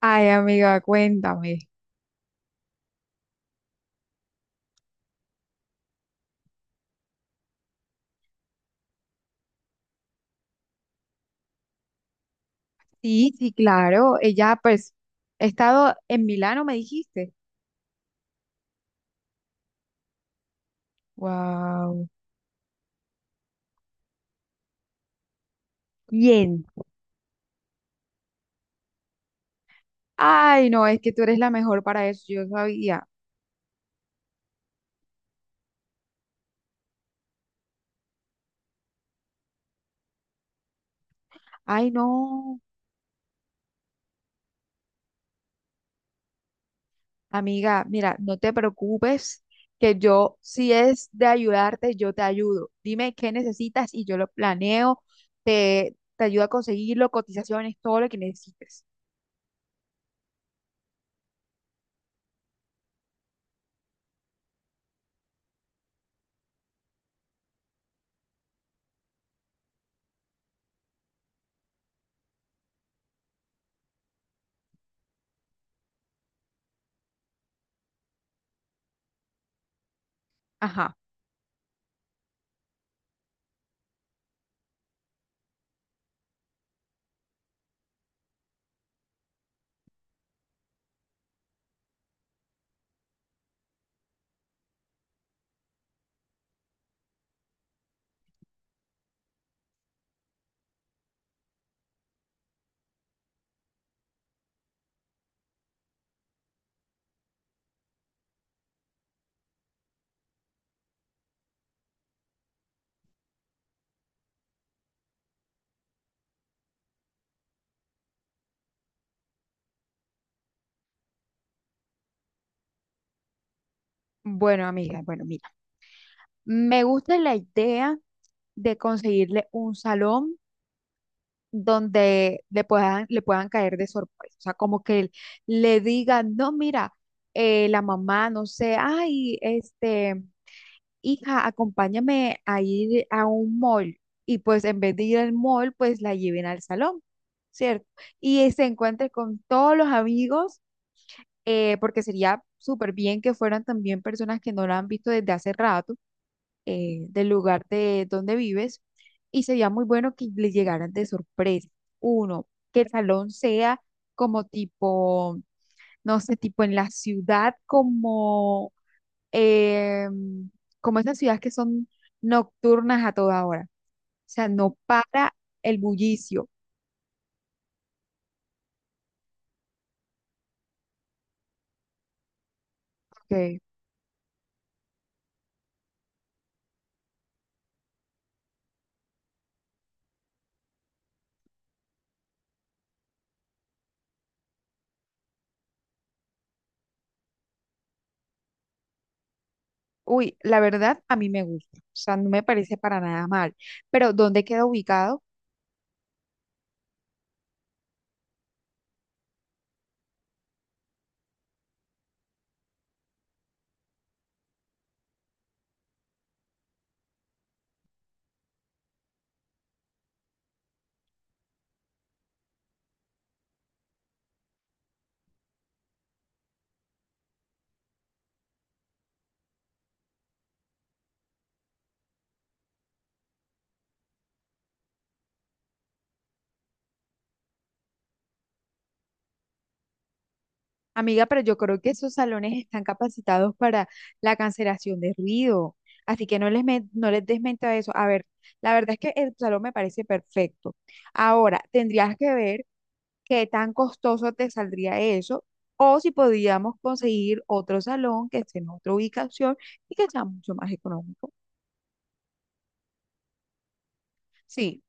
Ay, amiga, cuéntame. Sí, sí, claro. Ella, pues, he estado en Milano, me dijiste. Wow. Bien. Ay, no, es que tú eres la mejor para eso, yo sabía. Ay, no. Amiga, mira, no te preocupes, que yo, si es de ayudarte, yo te ayudo. Dime qué necesitas y yo lo planeo. Te ayudo a conseguirlo, cotizaciones, todo lo que necesites. Ajá. Bueno, amiga, bueno, mira. Me gusta la idea de conseguirle un salón donde le puedan caer de sorpresa. O sea, como que él le diga, no, mira, la mamá, no sé, ay, este, hija, acompáñame a ir a un mall. Y pues en vez de ir al mall, pues la lleven al salón, ¿cierto? Y se encuentre con todos los amigos, porque sería súper bien que fueran también personas que no la han visto desde hace rato del lugar de donde vives y sería muy bueno que le llegaran de sorpresa. Uno, que el salón sea como tipo, no sé, tipo en la ciudad, como, eh, como esas ciudades que son nocturnas a toda hora. O sea, no para el bullicio. Que Uy, la verdad a mí me gusta, o sea, no me parece para nada mal, pero ¿dónde queda ubicado? Amiga, pero yo creo que esos salones están capacitados para la cancelación de ruido, así que no les des mente a eso. A ver, la verdad es que el salón me parece perfecto. Ahora, tendrías que ver qué tan costoso te saldría eso o si podíamos conseguir otro salón que esté en otra ubicación y que sea mucho más económico. Sí,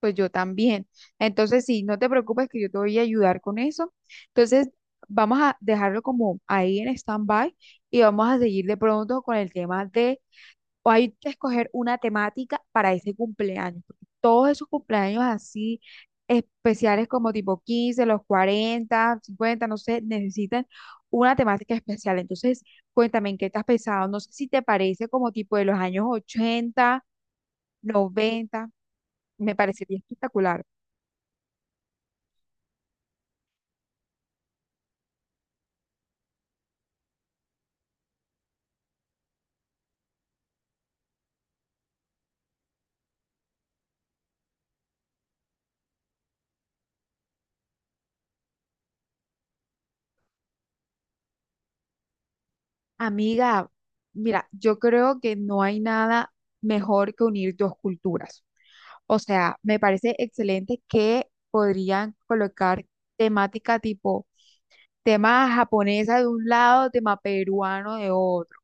pues yo también. Entonces, sí, no te preocupes que yo te voy a ayudar con eso. Entonces, vamos a dejarlo como ahí en stand-by y vamos a seguir de pronto con el o hay que escoger una temática para ese cumpleaños, porque todos esos cumpleaños así especiales, como tipo 15, los 40, 50, no sé, necesitan una temática especial. Entonces, cuéntame en qué te has pensado. No sé si te parece como tipo de los años 80, 90. Me parecería espectacular. Amiga, mira, yo creo que no hay nada mejor que unir dos culturas. O sea, me parece excelente que podrían colocar temática tipo tema japonesa de un lado, tema peruano de otro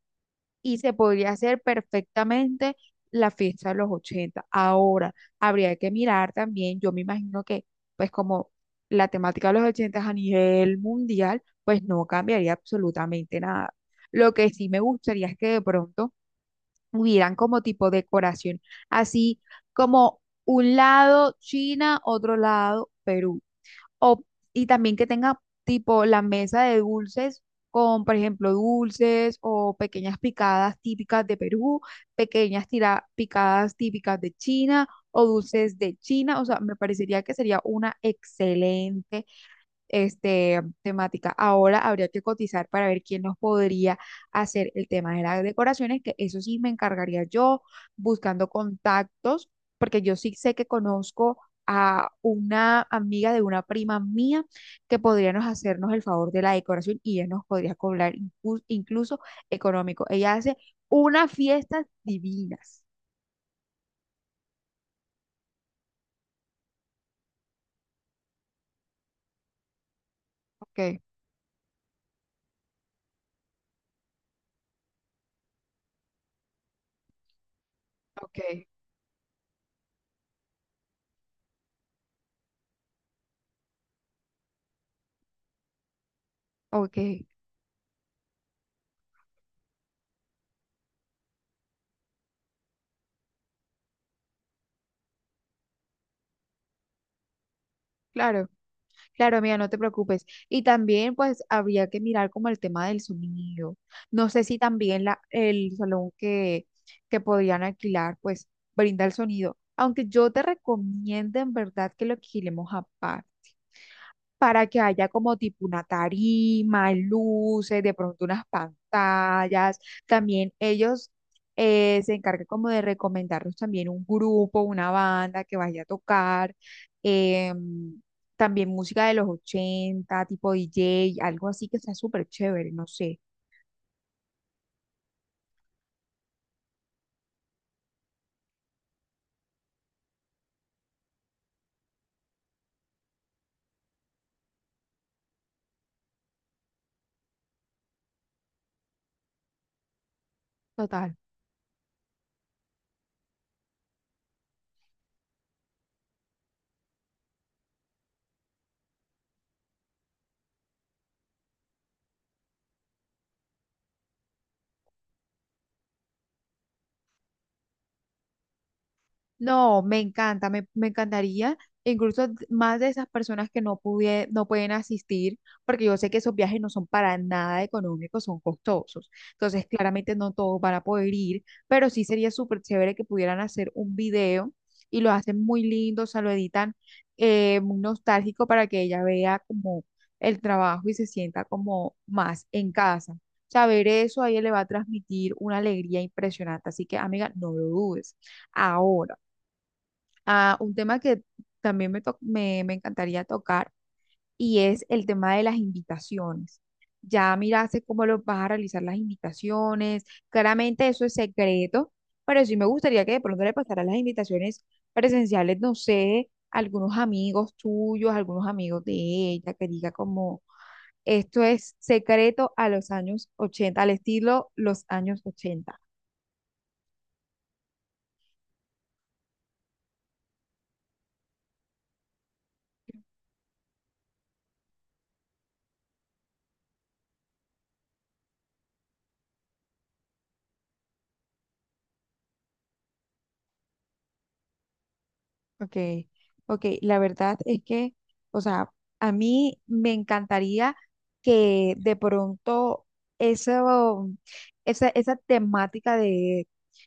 y se podría hacer perfectamente la fiesta de los 80. Ahora, habría que mirar también, yo me imagino que, pues como la temática de los 80 a nivel mundial, pues no cambiaría absolutamente nada. Lo que sí me gustaría es que de pronto hubieran como tipo decoración, así como un lado China, otro lado Perú. O, y también que tenga tipo la mesa de dulces con, por ejemplo, dulces o pequeñas picadas típicas de Perú, pequeñas picadas típicas de China o dulces de China. O sea, me parecería que sería una excelente temática. Ahora habría que cotizar para ver quién nos podría hacer el tema de las decoraciones, que eso sí me encargaría yo buscando contactos, porque yo sí sé que conozco a una amiga de una prima mía que podríamos hacernos el favor de la decoración y ella nos podría cobrar incluso económico. Ella hace unas fiestas divinas. Ok, ok, ok, claro. Claro, amiga, no te preocupes. Y también, pues, habría que mirar como el tema del sonido. No sé si también el salón que podrían alquilar, pues, brinda el sonido. Aunque yo te recomiendo en verdad que lo alquilemos aparte para que haya como tipo una tarima, luces, de pronto unas pantallas. También ellos se encargan como de recomendarnos también un grupo, una banda que vaya a tocar. em, también música de los 80 tipo DJ, algo así que sea súper chévere, no sé. Total. No, me encanta, me encantaría, incluso más de esas personas que no pueden asistir, porque yo sé que esos viajes no son para nada económicos, son costosos. Entonces, claramente no todos van a poder ir, pero sí sería súper chévere que pudieran hacer un video y lo hacen muy lindo, o sea, lo editan muy nostálgico para que ella vea como el trabajo y se sienta como más en casa. Saber eso a ella le va a transmitir una alegría impresionante, así que amiga, no lo dudes. Ahora a un tema que también me encantaría tocar y es el tema de las invitaciones. Ya miraste cómo lo vas a realizar las invitaciones. Claramente eso es secreto, pero sí me gustaría que de pronto le pasaran las invitaciones presenciales, no sé, a algunos amigos tuyos, a algunos amigos de ella, que diga como esto es secreto a los años 80, al estilo los años 80. Ok, ok, la verdad es que, o sea, a mí me encantaría que de pronto eso, esa temática de,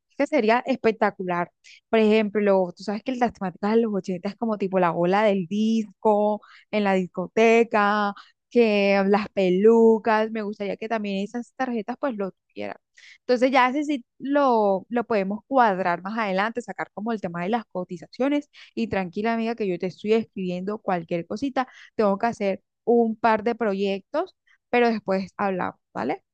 es que sería espectacular. Por ejemplo, tú sabes que las temáticas de los 80 es como tipo la ola del disco, en la discoteca, que las pelucas, me gustaría que también esas tarjetas pues lo tuvieran. Entonces ya ese sí lo podemos cuadrar más adelante, sacar como el tema de las cotizaciones y tranquila, amiga, que yo te estoy escribiendo cualquier cosita. Tengo que hacer un par de proyectos, pero después hablamos, ¿vale?